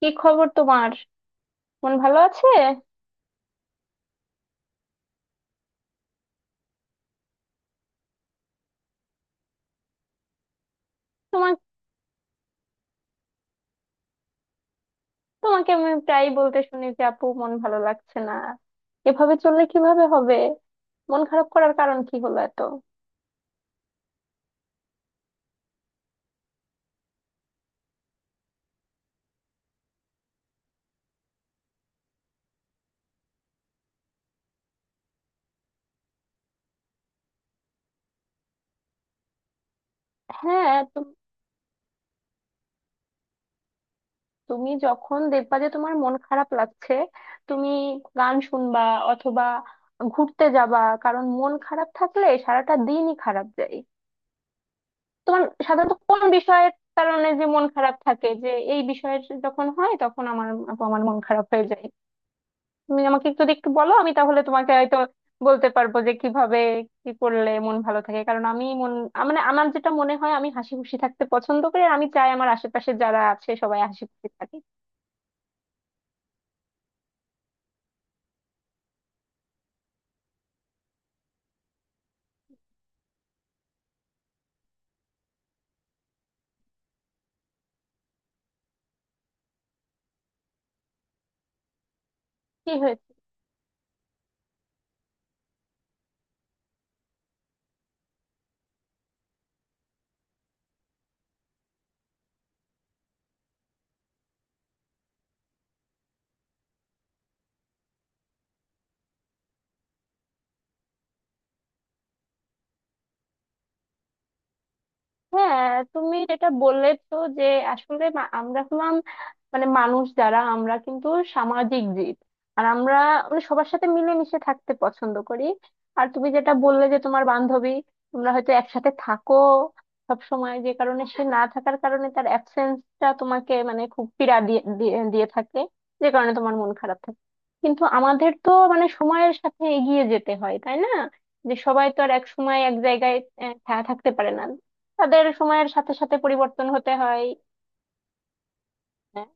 কি খবর তোমার? মন ভালো আছে? তোমার তোমাকে আমি প্রায় বলতে শুনি যে আপু মন ভালো লাগছে না। এভাবে চললে কিভাবে হবে? মন খারাপ করার কারণ কি হলো এত? হ্যাঁ, তুমি যখন দেখবা যে তোমার মন খারাপ লাগছে, তুমি গান শুনবা, অথবা ঘুরতে যাবা। কারণ মন খারাপ থাকলে সারাটা দিনই খারাপ যায়। তোমার সাধারণত কোন বিষয়ের কারণে যে মন খারাপ থাকে, যে এই বিষয়ের যখন হয় তখন আমার আপু আমার মন খারাপ হয়ে যায়। তুমি আমাকে যদি একটু বলো আমি তাহলে তোমাকে হয়তো বলতে পারবো যে কিভাবে কি করলে মন ভালো থাকে, কারণ আমি মন মানে আমার যেটা মনে হয় আমি হাসি খুশি থাকতে পছন্দ করি, আর আমি চাই আমার আশেপাশে যারা আছে সবাই হাসি খুশি থাকে। কি হয়েছে? হ্যাঁ, তুমি যেটা বললে তো যে আসলে আমরা হলাম মানে মানুষ, যারা আমরা কিন্তু সামাজিক জীব। আর আমরা মানে সবার সাথে মিলেমিশে থাকতে পছন্দ করি। আর তুমি যেটা বললে যে তোমার বান্ধবী তোমরা হয়তো একসাথে থাকো সব সময়, যে কারণে সে না থাকার কারণে তার অ্যাবসেন্সটা তোমাকে মানে খুব পীড়া দিয়ে দিয়ে দিয়ে থাকে, যে কারণে তোমার মন খারাপ থাকে। কিন্তু আমাদের তো মানে সময়ের সাথে এগিয়ে যেতে হয় তাই না? যে সবাই তো আর এক সময় এক জায়গায় থাকতে পারে না। তাদের সময়ের সাথে সাথে পরিবর্তন হতে হয়। হ্যাঁ,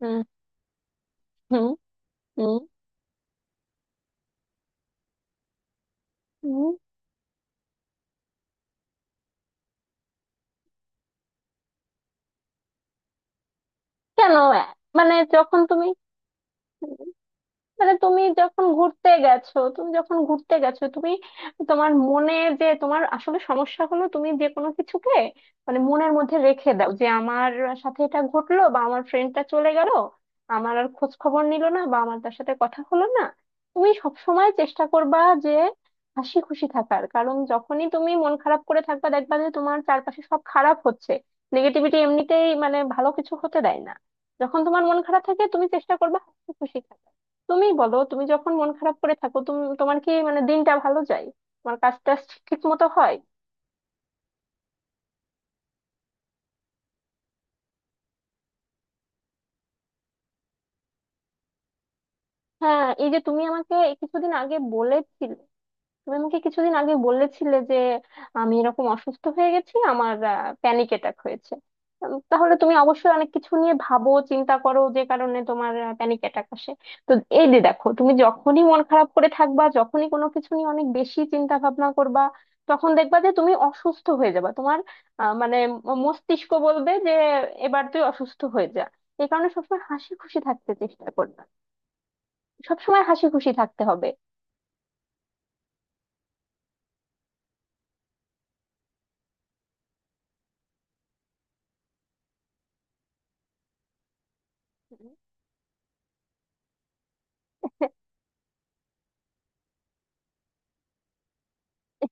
হুম, হুম, হুম, হুম। কেন? মানে যখন তুমি মানে তুমি যখন ঘুরতে গেছো তুমি তোমার মনে, যে তোমার আসলে সমস্যা হলো তুমি যে কোনো কিছুকে মানে মনের মধ্যে রেখে দাও যে আমার সাথে এটা ঘটলো, বা আমার ফ্রেন্ডটা চলে গেল আমার আর খোঁজ খবর নিল না, বা আমার তার সাথে কথা হলো না। তুমি সব সময় চেষ্টা করবা যে হাসি খুশি থাকার, কারণ যখনই তুমি মন খারাপ করে থাকবা দেখবা যে তোমার চারপাশে সব খারাপ হচ্ছে। নেগেটিভিটি এমনিতেই মানে ভালো কিছু হতে দেয় না। যখন তোমার মন খারাপ থাকে তুমি চেষ্টা করবা হাসি খুশি থাকার। তুমি বলো, তুমি যখন মন খারাপ করে থাকো তুমি তোমার কি মানে দিনটা ভালো যায়? তোমার কাজটা ঠিক মতো হয়? হ্যাঁ এই যে তুমি আমাকে এই কিছুদিন আগে বলেছিলে, তুমি আমাকে কিছুদিন আগে বলেছিলে যে আমি এরকম অসুস্থ হয়ে গেছি, আমার প্যানিক অ্যাটাক হয়েছে। তাহলে তুমি অবশ্যই অনেক কিছু নিয়ে ভাবো চিন্তা করো যে কারণে তোমার প্যানিক অ্যাটাক আসে। তো এই যে দেখো তুমি যখনই মন খারাপ করে থাকবা, যখনই কোনো কিছু নিয়ে অনেক বেশি চিন্তা ভাবনা করবা, তখন দেখবা যে তুমি অসুস্থ হয়ে যাবা। তোমার মানে মস্তিষ্ক বলবে যে এবার তুই অসুস্থ হয়ে যা। এই কারণে সবসময় হাসি খুশি থাকতে চেষ্টা করবা। সবসময় হাসি খুশি থাকতে হবে।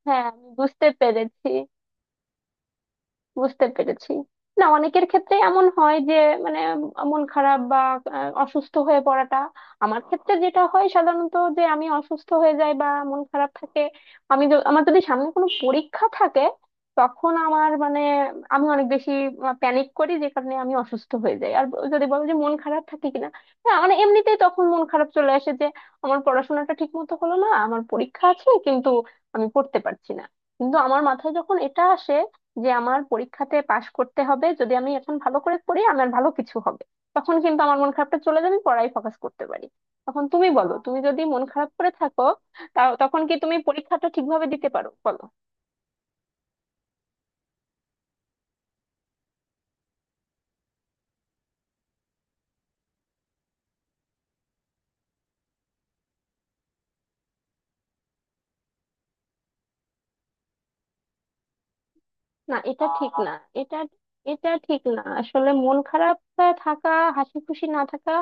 হ্যাঁ আমি বুঝতে পেরেছি। বুঝতে পেরেছি। না অনেকের ক্ষেত্রে এমন হয় যে মানে মন খারাপ বা অসুস্থ হয়ে পড়াটা, আমার ক্ষেত্রে যেটা হয় সাধারণত যে আমি অসুস্থ হয়ে যাই বা মন খারাপ থাকে। আমি আমার যদি সামনে কোনো পরীক্ষা থাকে তখন আমার মানে আমি অনেক বেশি প্যানিক করি যে কারণে আমি অসুস্থ হয়ে যাই। আর যদি বলো যে মন খারাপ থাকে কিনা, হ্যাঁ মানে এমনিতেই তখন মন খারাপ চলে আসে যে আমার পড়াশোনাটা ঠিক মতো হলো না, আমার পরীক্ষা আছে কিন্তু আমি পড়তে পারছি না। কিন্তু আমার মাথায় যখন এটা আসে যে আমার পরীক্ষাতে পাশ করতে হবে, যদি আমি এখন ভালো করে পড়ি আমার ভালো কিছু হবে, তখন কিন্তু আমার মন খারাপটা চলে যাবে, পড়ায় ফোকাস করতে পারি। তখন তুমি বলো, তুমি যদি মন খারাপ করে থাকো তা তখন কি তুমি পরীক্ষাটা ঠিকভাবে দিতে পারো বলো? না এটা ঠিক না। এটা এটা ঠিক না, আসলে মন খারাপ থাকা, হাসি খুশি না থাকা।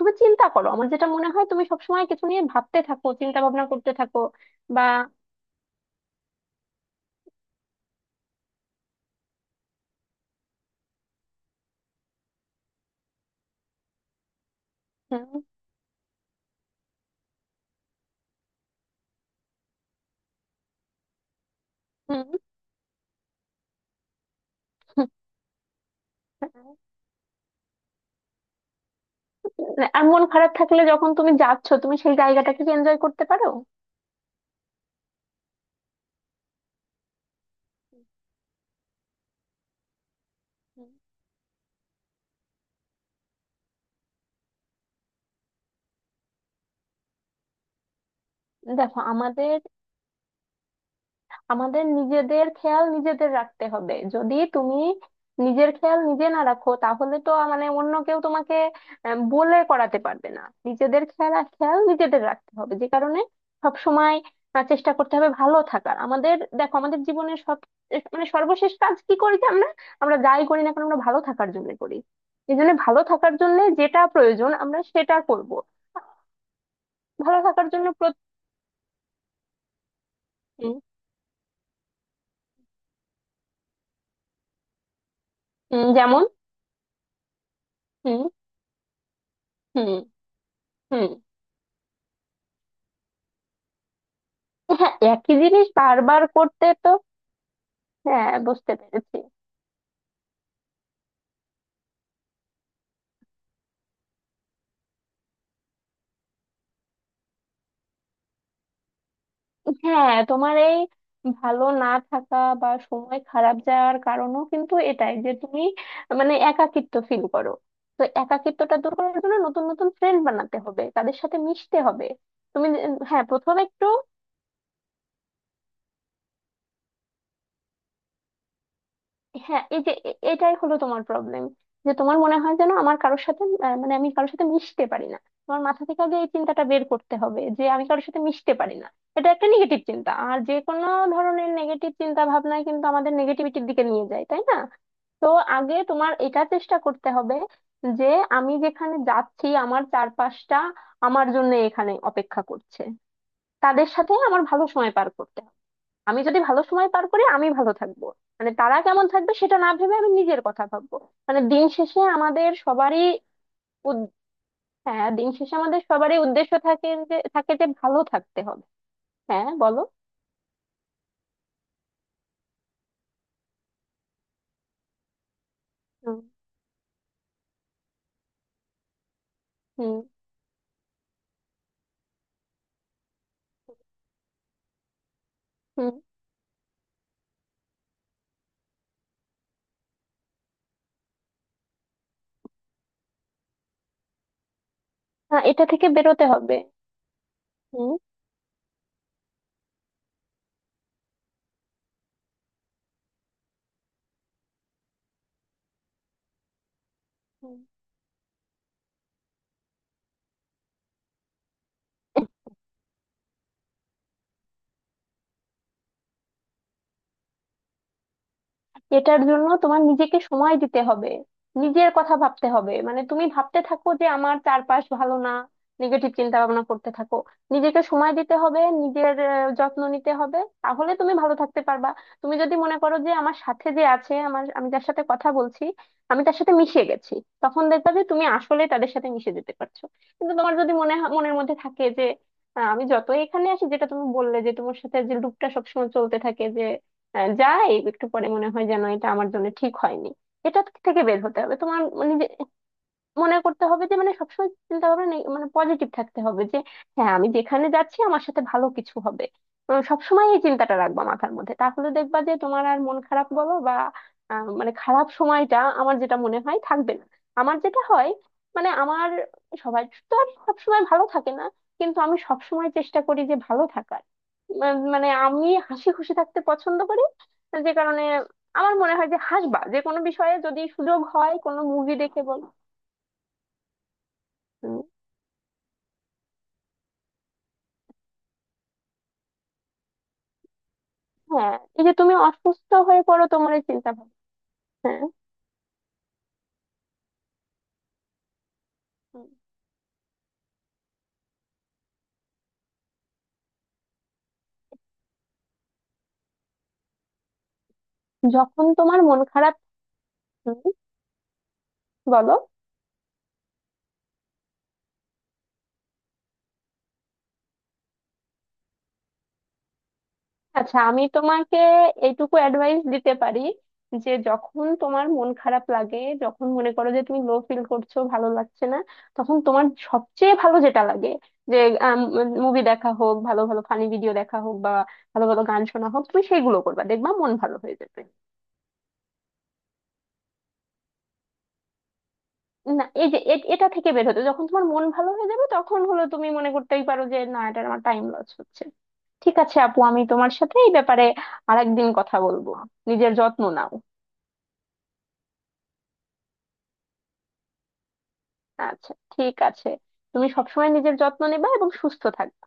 তুমি চিন্তা করো আমার যেটা মনে হয় তুমি সবসময় কিছু নিয়ে ভাবতে থাকো, চিন্তা ভাবনা করতে থাকো বা। হুম। হুম। মানে আর মন খারাপ থাকলে যখন তুমি যাচ্ছ তুমি সেই জায়গাটাকে এনজয় করতে পারো? হুম। দেখো আমাদের আমাদের নিজেদের খেয়াল নিজেদের রাখতে হবে। যদি তুমি নিজের খেয়াল নিজে না রাখো তাহলে তো মানে অন্য কেউ তোমাকে বলে করাতে পারবে না। নিজেদের খেয়াল আর খেয়াল নিজেদের রাখতে হবে, যে কারণে সব সময় চেষ্টা করতে হবে ভালো থাকার। আমাদের দেখো আমাদের জীবনের সব মানে সর্বশেষ কাজ কি করি যে আমরা আমরা যাই করি না কেন আমরা ভালো থাকার জন্য করি। এই জন্য ভালো থাকার জন্য যেটা প্রয়োজন আমরা সেটা করব। ভালো থাকার জন্য হুম। হুম। যেমন। হুম। হুম। হুম। হ্যাঁ একই জিনিস বারবার করতে তো। হ্যাঁ বুঝতে পেরেছি। হ্যাঁ তোমার এই ভালো না থাকা বা সময় খারাপ যাওয়ার কারণও কিন্তু এটাই যে তুমি মানে একাকিত্ব ফিল করো। তো একাকিত্বটা দূর করার জন্য নতুন নতুন ফ্রেন্ড বানাতে হবে, তাদের সাথে মিশতে হবে। তুমি যে- হ্যাঁ প্রথমে একটু। হ্যাঁ এই যে এটাই হলো তোমার প্রবলেম, যে তোমার মনে হয় যেন আমার কারোর সাথে, মানে আমি কারোর সাথে মিশতে পারি না। তোমার মাথা থেকে আগে এই চিন্তাটা বের করতে হবে যে আমি কারোর সাথে মিশতে পারি না। এটা একটা নেগেটিভ চিন্তা, আর যে কোনো ধরনের নেগেটিভ চিন্তা ভাবনায় কিন্তু আমাদের নেগেটিভিটির দিকে নিয়ে যায় তাই না? তো আগে তোমার এটা চেষ্টা করতে হবে, যে আমি যেখানে যাচ্ছি আমার চারপাশটা আমার জন্য এখানে অপেক্ষা করছে, তাদের সাথে আমার ভালো সময় পার করতে। আমি যদি ভালো সময় পার করি আমি ভালো থাকবো। মানে তারা কেমন থাকবে সেটা না ভেবে আমি নিজের কথা ভাববো। মানে দিন শেষে আমাদের সবারই উদ- হ্যাঁ দিন শেষে আমাদের সবারই উদ্দেশ্য থাকে যে ভালো থাকতে হবে। হ্যাঁ বলো। হুম। হুম। হুম। হ্যাঁ এটা থেকে বেরোতে হবে। হুম। হুম। এটার জন্য তোমার নিজেকে সময় দিতে হবে। নিজের কথা ভাবতে হবে, মানে তুমি ভাবতে থাকো যে আমার চারপাশ ভালো না, নেগেটিভ চিন্তা ভাবনা করতে থাকো। নিজেকে সময় দিতে হবে, নিজের যত্ন নিতে হবে, তাহলে তুমি ভালো থাকতে পারবা। তুমি যদি মনে করো যে আমার সাথে যে আছে, আমার আমি যার সাথে কথা বলছি আমি তার সাথে মিশে গেছি, তখন দেখবা যে তুমি আসলে তাদের সাথে মিশে যেতে পারছো। কিন্তু তোমার যদি মনের মধ্যে থাকে যে আমি যতই এখানে আসি, যেটা তুমি বললে যে তোমার সাথে যে লুপটা সবসময় চলতে থাকে, যাই একটু পরে মনে হয় যেন এটা আমার জন্য ঠিক হয়নি, এটা থেকে বের হতে হবে তোমার, মানে মনে করতে হবে যে মানে সবসময় চিন্তা ভাবনা নেই, মানে পজিটিভ থাকতে হবে, যে হ্যাঁ আমি যেখানে যাচ্ছি আমার সাথে ভালো কিছু হবে। সবসময় এই চিন্তাটা রাখবা মাথার মধ্যে, তাহলে দেখবা যে তোমার আর মন খারাপ বলো বা মানে খারাপ সময়টা আমার যেটা মনে হয় থাকবে না। আমার যেটা হয়, মানে আমার সবাই তো আর সবসময় ভালো থাকে না, কিন্তু আমি সবসময় চেষ্টা করি যে ভালো থাকার। মানে আমি হাসি খুশি থাকতে পছন্দ করি, যে কারণে আমার মনে হয় যে হাসবা, যে কোনো বিষয়ে যদি সুযোগ হয় কোনো মুভি দেখে বলো। হ্যাঁ এই যে তুমি অসুস্থ হয়ে পড়ো তোমার এই চিন্তা ভাবনা। হ্যাঁ। হুম। যখন তোমার মন খারাপ। হুম, বলো। আচ্ছা আমি তোমাকে এইটুকু অ্যাডভাইস দিতে পারি, যে যখন তোমার মন খারাপ লাগে, যখন মনে করো যে তুমি লো ফিল করছো ভালো লাগছে না, তখন তোমার সবচেয়ে ভালো যেটা লাগে, যে মুভি দেখা হোক, ভালো ভালো ফানি ভিডিও দেখা হোক, বা ভালো ভালো গান শোনা হোক, তুমি সেগুলো করবা, দেখবা মন ভালো হয়ে যাবে। না এই যে এটা থেকে বের হতে, যখন তোমার মন ভালো হয়ে যাবে তখন হলো তুমি মনে করতেই পারো যে না এটা আমার টাইম লস হচ্ছে। ঠিক আছে আপু, আমি তোমার সাথে এই ব্যাপারে আরেকদিন কথা বলবো। নিজের যত্ন নাও। আচ্ছা ঠিক আছে, তুমি সবসময় নিজের যত্ন নেবা এবং সুস্থ থাকবে।